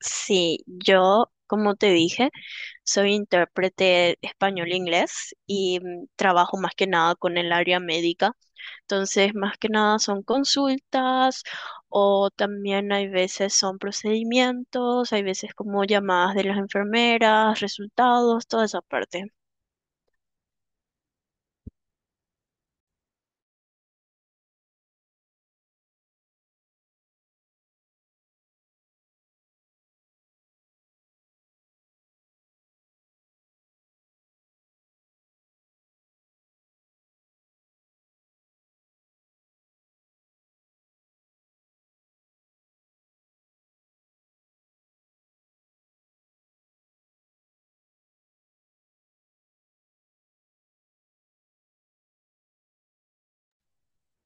Sí, yo, como te dije, soy intérprete español-inglés y trabajo más que nada con el área médica. Entonces, más que nada son consultas o también hay veces son procedimientos, hay veces como llamadas de las enfermeras, resultados, toda esa parte.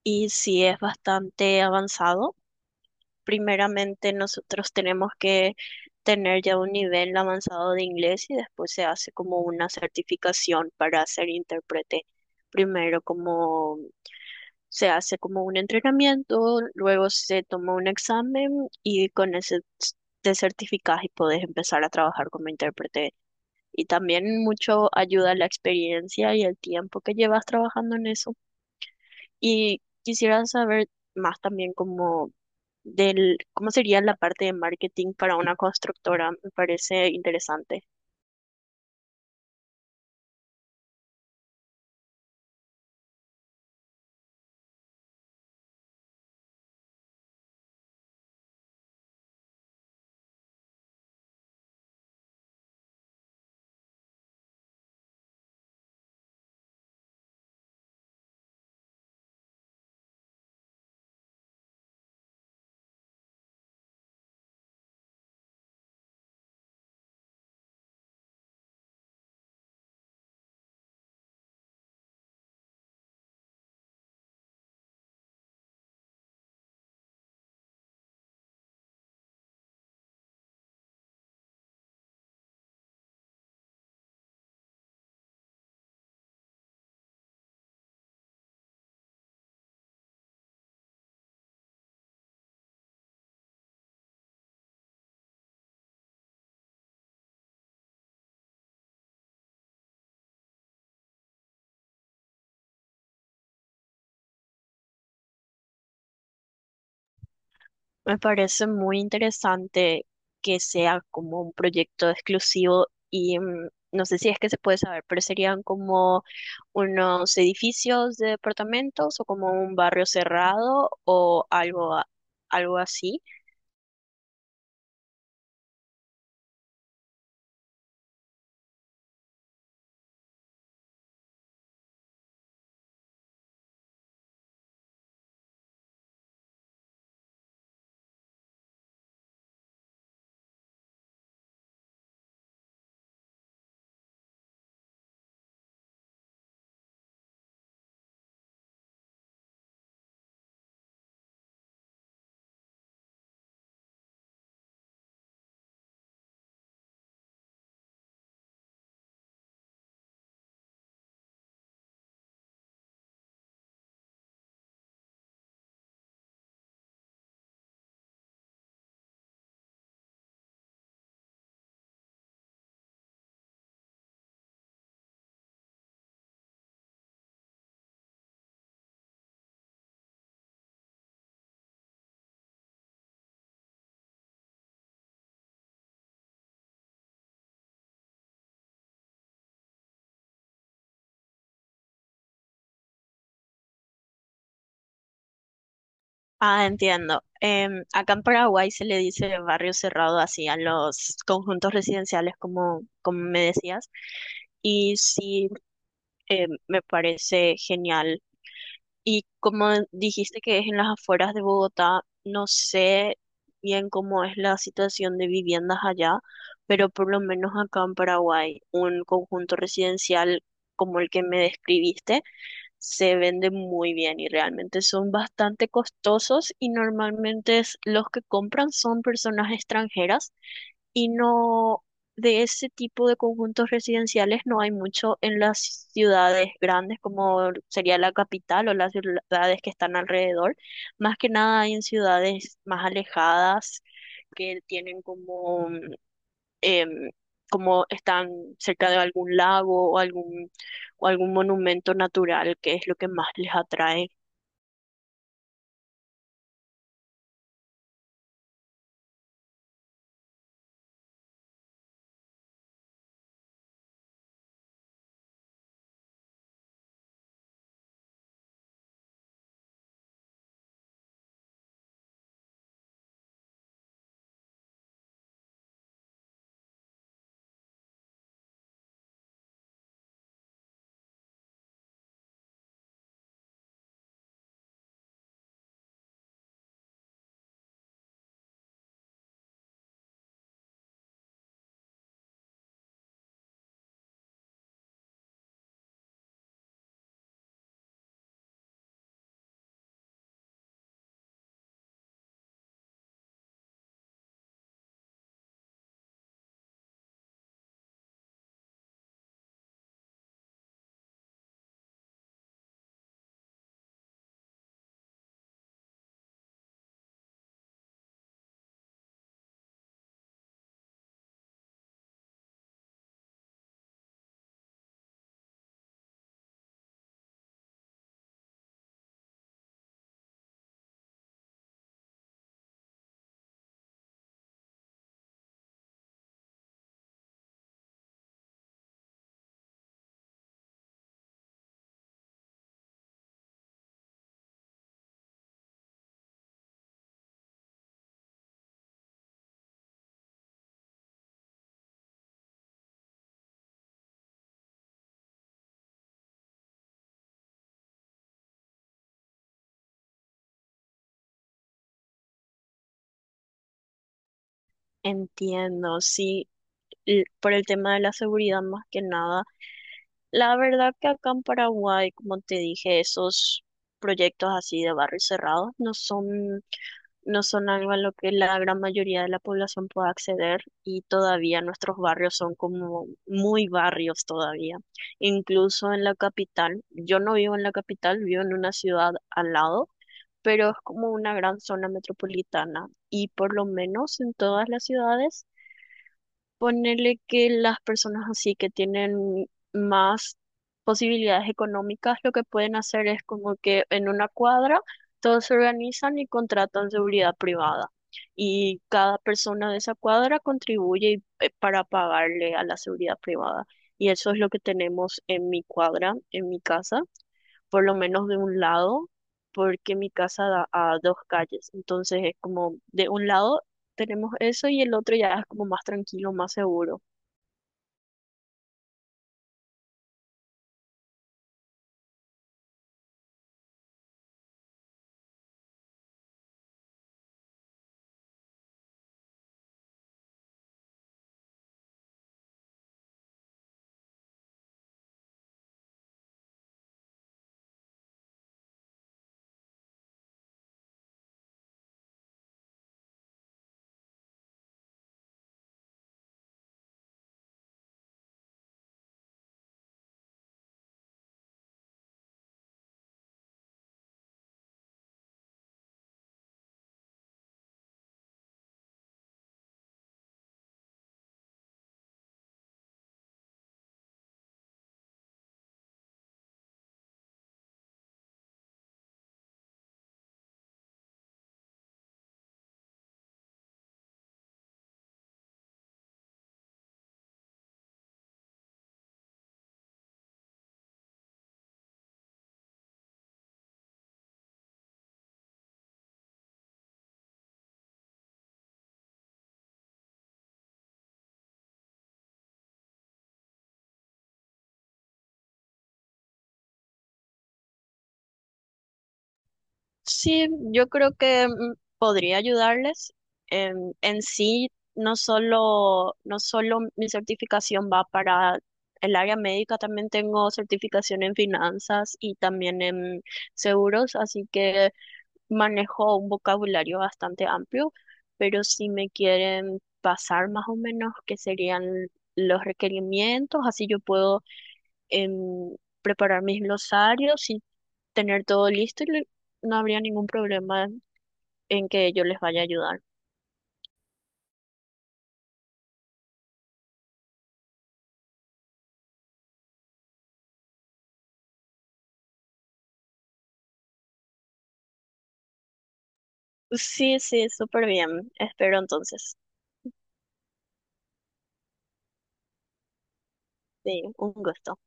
Y sí, es bastante avanzado, primeramente nosotros tenemos que tener ya un nivel avanzado de inglés y después se hace como una certificación para ser intérprete. Primero como se hace como un entrenamiento, luego se toma un examen y con ese te certificas y puedes empezar a trabajar como intérprete. Y también mucho ayuda la experiencia y el tiempo que llevas trabajando en eso. Y quisiera saber más también como del cómo sería la parte de marketing para una constructora. Me parece interesante. Me parece muy interesante que sea como un proyecto exclusivo y no sé si es que se puede saber, pero serían como unos edificios de departamentos o como un barrio cerrado o algo, algo así. Ah, entiendo. Acá en Paraguay se le dice barrio cerrado así a los conjuntos residenciales, como, como me decías. Y sí, me parece genial. Y como dijiste que es en las afueras de Bogotá, no sé bien cómo es la situación de viviendas allá, pero por lo menos acá en Paraguay, un conjunto residencial como el que me describiste se vende muy bien y realmente son bastante costosos y normalmente los que compran son personas extranjeras y no de ese tipo de conjuntos residenciales no hay mucho en las ciudades grandes como sería la capital o las ciudades que están alrededor. Más que nada hay en ciudades más alejadas que tienen como em, como están cerca de algún lago o algún monumento natural, que es lo que más les atrae. Entiendo, sí, por el tema de la seguridad más que nada. La verdad que acá en Paraguay, como te dije, esos proyectos así de barrios cerrados no son algo a lo que la gran mayoría de la población pueda acceder y todavía nuestros barrios son como muy barrios todavía. Incluso en la capital, yo no vivo en la capital, vivo en una ciudad al lado, pero es como una gran zona metropolitana y por lo menos en todas las ciudades. Ponerle que las personas así que tienen más posibilidades económicas, lo que pueden hacer es como que en una cuadra todos se organizan y contratan seguridad privada. Y cada persona de esa cuadra contribuye para pagarle a la seguridad privada. Y eso es lo que tenemos en mi cuadra, en mi casa por lo menos de un lado, porque mi casa da a dos calles, entonces es como de un lado tenemos eso y el otro ya es como más tranquilo, más seguro. Sí, yo creo que podría ayudarles. En sí, no solo mi certificación va para el área médica, también tengo certificación en finanzas y también en seguros, así que manejo un vocabulario bastante amplio, pero si me quieren pasar más o menos qué serían los requerimientos, así yo puedo em, preparar mis glosarios y tener todo listo y no habría ningún problema en que yo les vaya a ayudar. Sí, sí, súper bien. Espero entonces. Sí, un gusto.